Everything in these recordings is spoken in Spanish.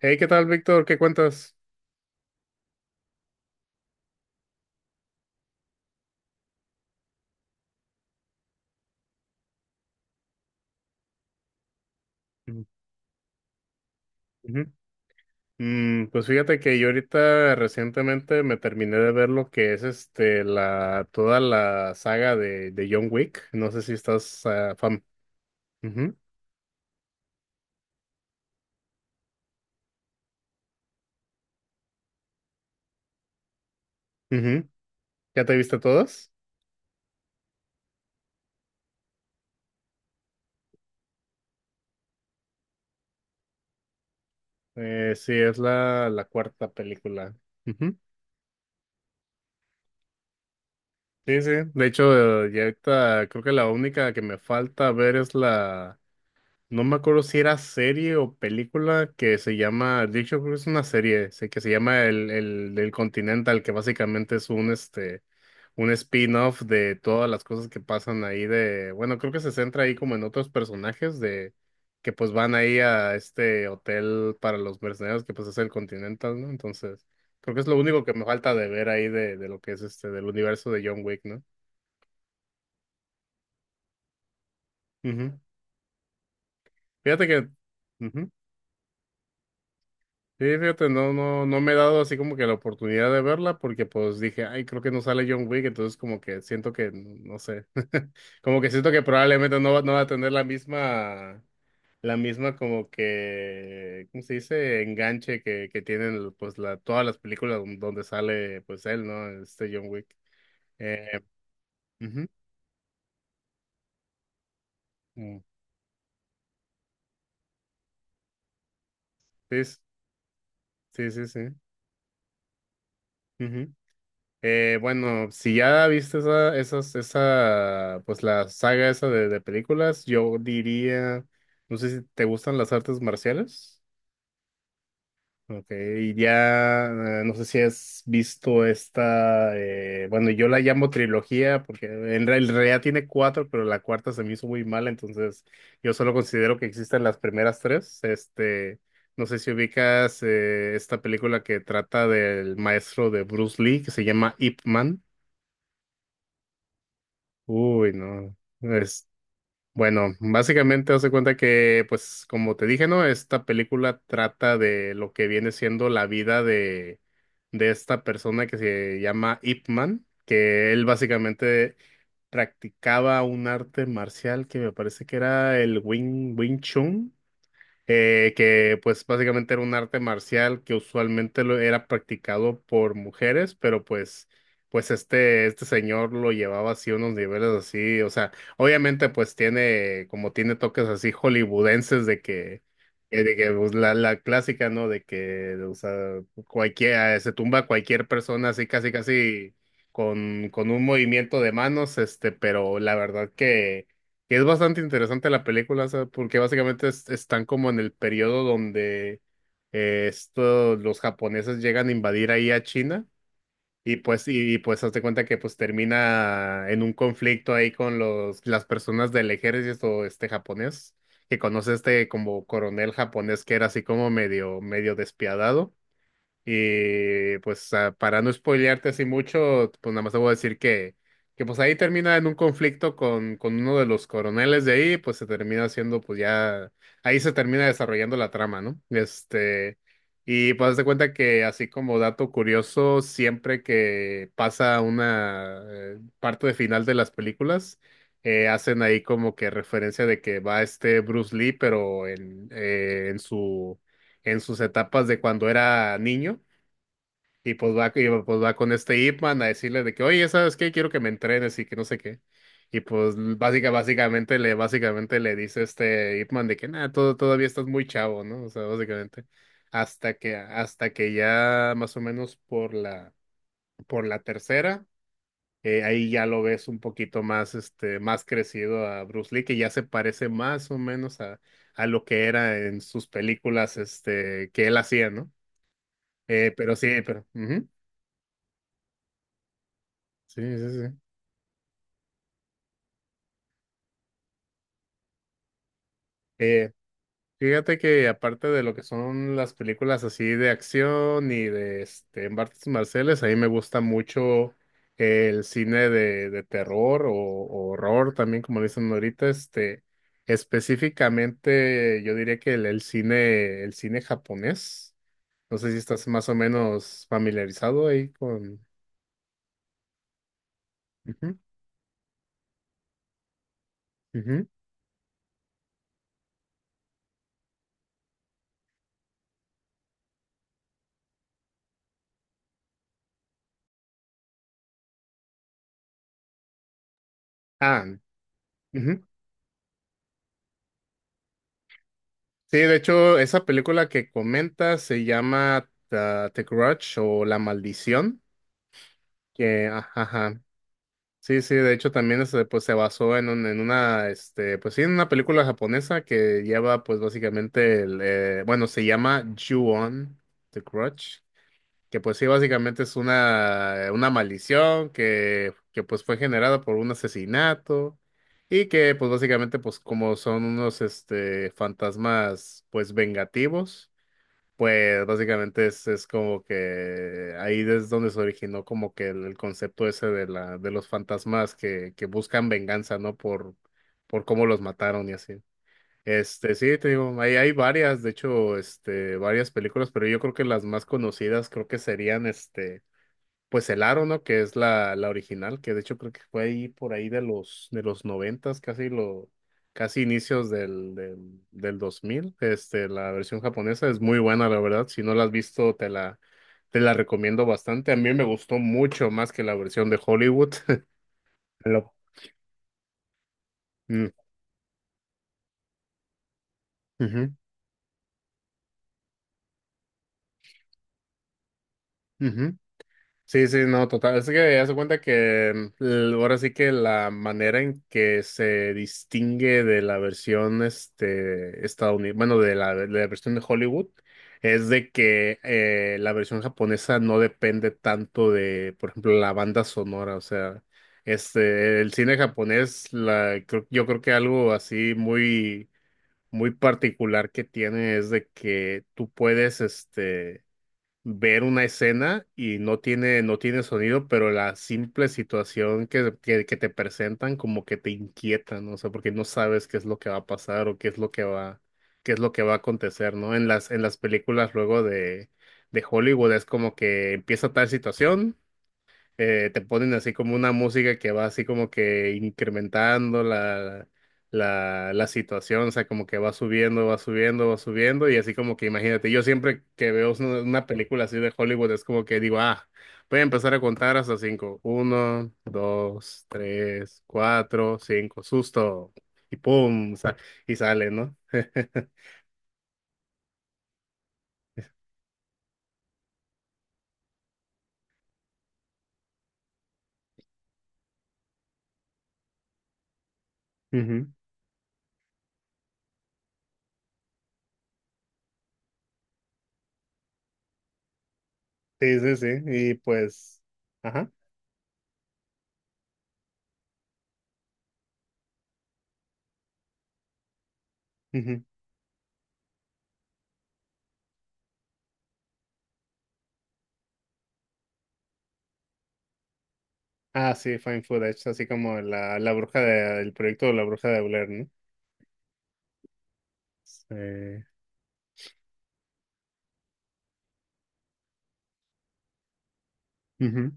Hey, ¿qué tal, Víctor? ¿Qué cuentas? Mm, ujú. Pues fíjate que yo ahorita recientemente me terminé de ver lo que es la toda la saga de John Wick. No sé si estás fam. Ujú, ujú. ¿Ya te viste todas? Sí, es la cuarta película. Ujú. Sí, sí. De hecho, ya ahorita creo que la única que me falta ver es la. No me acuerdo si era serie o película que se llama, de hecho creo que es una serie, sé que se llama el Continental, que básicamente es un spin-off de todas las cosas que pasan ahí de, bueno, creo que se centra ahí como en otros personajes de que pues van ahí a este hotel para los mercenarios que pues es el Continental, ¿no? Entonces, creo que es lo único que me falta de ver ahí de lo que es del universo de John Wick, ¿no? Ujú. Fíjate que ujú. Sí, fíjate, no, no, no me he dado así como que la oportunidad de verla porque pues dije, ay, creo que no sale John Wick, entonces como que siento que, no sé, como que siento que probablemente no va, no va a tener la misma como que, ¿cómo se dice? Enganche que tienen pues todas las películas donde sale pues él, ¿no? Este John Wick. Eh, Ujú, mm, sí, sí, sí, sí. Ujú. Bueno, si ya viste esa, esas, esa, pues la saga esa de películas, yo diría, no sé si te gustan las artes marciales, ok, y ya, no sé si has visto esta, bueno, yo la llamo trilogía, porque en realidad tiene cuatro, pero la cuarta se me hizo muy mala, entonces yo solo considero que existen las primeras tres, no sé si ubicas, esta película que trata del maestro de Bruce Lee, que se llama Ip Man. Uy, no. Es, bueno, básicamente hace cuenta que, pues, como te dije, ¿no? Esta película trata de lo que viene siendo la vida de esta persona que se llama Ip Man, que él básicamente practicaba un arte marcial que me parece que era el Wing Chun, que pues básicamente era un arte marcial que usualmente lo era practicado por mujeres, pero pues, pues este señor lo llevaba así a unos niveles así, o sea, obviamente pues tiene, como tiene toques así hollywoodenses de que pues, la clásica, ¿no? De que, o sea, cualquiera, se tumba a cualquier persona así casi casi con un movimiento de manos, pero la verdad que es bastante interesante la película, o sea, porque básicamente están como en el periodo donde los japoneses llegan a invadir ahí a China y pues pues hazte cuenta que pues termina en un conflicto ahí con los las personas del ejército japonés que conoce como coronel japonés que era así como medio medio despiadado y pues para no spoilearte así mucho, pues nada más te voy a decir que pues ahí termina en un conflicto con uno de los coroneles de ahí, pues se termina haciendo, pues ya, ahí se termina desarrollando la trama, ¿no? Y pues haz de cuenta que así como dato curioso, siempre que pasa una parte de final de las películas, hacen ahí como que referencia de que va este Bruce Lee, pero en su, en sus etapas de cuando era niño y pues va con este Ip Man a decirle de que, oye, ¿sabes qué? Quiero que me entrenes y que no sé qué. Y pues básicamente le dice este Ip Man de que nada, todo, todavía estás muy chavo, ¿no? O sea, básicamente. Hasta que ya más o menos por la tercera, ahí ya lo ves un poquito más, más crecido a Bruce Lee, que ya se parece más o menos a lo que era en sus películas, que él hacía, ¿no? Pero sí, pero. Ujú. Sí, sí, sí. Eh, Fíjate que aparte de lo que son las películas así de acción y de artes marciales, a mí me gusta mucho el cine de terror o horror también, como le dicen ahorita, específicamente yo diría que el cine japonés. No sé si estás más o menos familiarizado ahí con. Ujú, ujú. Ah, ujú. Sí, de hecho, esa película que comentas se llama, The Grudge o La Maldición. Que, ajá. Sí, sí, de hecho también pues, se basó en, en una, pues sí, en una película japonesa que lleva, pues básicamente, bueno, se llama Ju-on, The Crutch, que pues sí, básicamente es una maldición que pues fue generada por un asesinato y que pues básicamente, pues como son unos, fantasmas, pues vengativos. Pues básicamente es como que ahí es donde se originó como que el concepto ese de la, de los fantasmas que buscan venganza, ¿no? Por cómo los mataron y así. Sí, te digo, hay varias, de hecho, varias películas, pero yo creo que las más conocidas creo que serían pues el aro, ¿no? Que es la original, que de hecho creo que fue ahí por ahí de los noventas, casi inicios del dos mil. La versión japonesa es muy buena, la verdad. Si no la has visto, te la recomiendo bastante. A mí me gustó mucho más que la versión de Hollywood. Lo- Mm, ujú, ujú. Sí, sí, no, total. Es que ya se cuenta que mm, ahora sí que la manera en que se distingue de la versión estadounidense, bueno, de la versión de Hollywood, es de que la versión japonesa no depende tanto de, por ejemplo, la banda sonora. O sea, el cine japonés, yo creo que algo así muy, muy particular que tiene es de que tú puedes, ver una escena y no tiene sonido, pero la simple situación que te presentan como que te inquieta, ¿no? O sea, porque no sabes qué es lo que va a pasar o qué es lo que va a acontecer, ¿no? En las películas luego de Hollywood es como que empieza tal situación, te ponen así como una música que va así como que incrementando la situación, o sea, como que va subiendo, va subiendo, va subiendo, y así como que imagínate, yo siempre que veo una película así de Hollywood es como que digo, ah, voy a empezar a contar hasta cinco, uno, dos, tres, cuatro, cinco, susto, y pum, y sale, ¿no? Ujú. Sí, sí, sí, y pues, ajá. Ah, sí, Fine Footage, así como la bruja del proyecto de la bruja de Blair, ¿no? Sí. Ujú.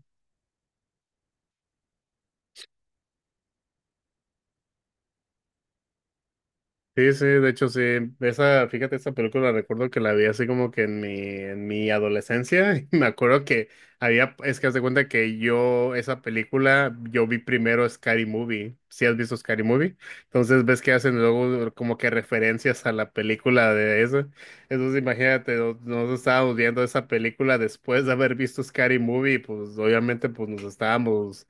Sí, sí, de hecho sí, esa, fíjate, esa película recuerdo que la vi así como que en mi adolescencia, y me acuerdo que había, es que haz de cuenta que yo, esa película, yo vi primero Scary Movie, si has visto Scary Movie, entonces ves que hacen luego como que referencias a la película de eso, entonces imagínate, nosotros estábamos viendo esa película después de haber visto Scary Movie, pues obviamente pues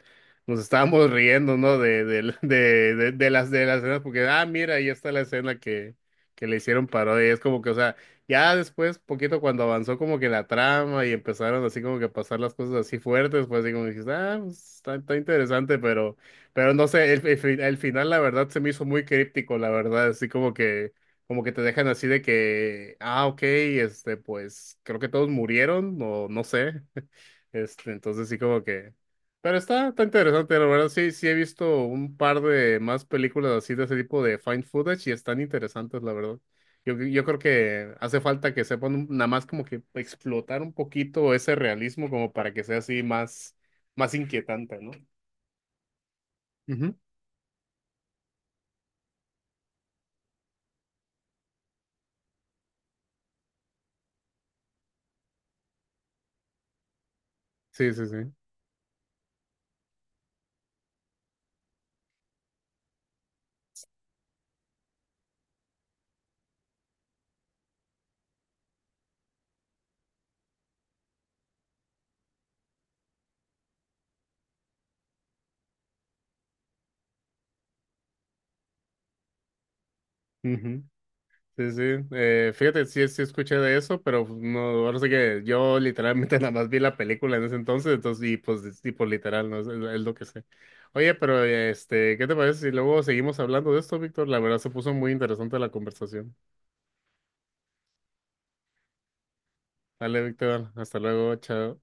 nos estábamos riendo, ¿no? De, del- de las escenas, porque, mira, ahí está la escena que le hicieron parodia. Y es como que, o sea, ya después, poquito cuando avanzó como que la trama y empezaron así como que a pasar las cosas así fuertes, pues así como dijiste, pues, está interesante, pero no sé, el final, la verdad, se me hizo muy críptico, la verdad, así como que te dejan así de que, ok, pues creo que todos murieron, o no sé. Entonces sí como que, pero está interesante, la verdad. Sí, sí he visto un par de más películas así de ese tipo de find footage y están interesantes, la verdad. Yo creo que hace falta que sepan nada más como que explotar un poquito ese realismo como para que sea así más, más inquietante, ¿no? Ujú. Sí, sí, sí. Ujú. Sí, sí. Fíjate, sí, sí escuché de eso, pero pues, no, ahora sí que yo literalmente nada más vi la película en ese entonces, entonces, y pues, es tipo literal, ¿no? Es lo que sé. Oye, pero ¿qué te parece si luego seguimos hablando de esto, Víctor? La verdad se puso muy interesante la conversación. Dale, Víctor, hasta luego, chao.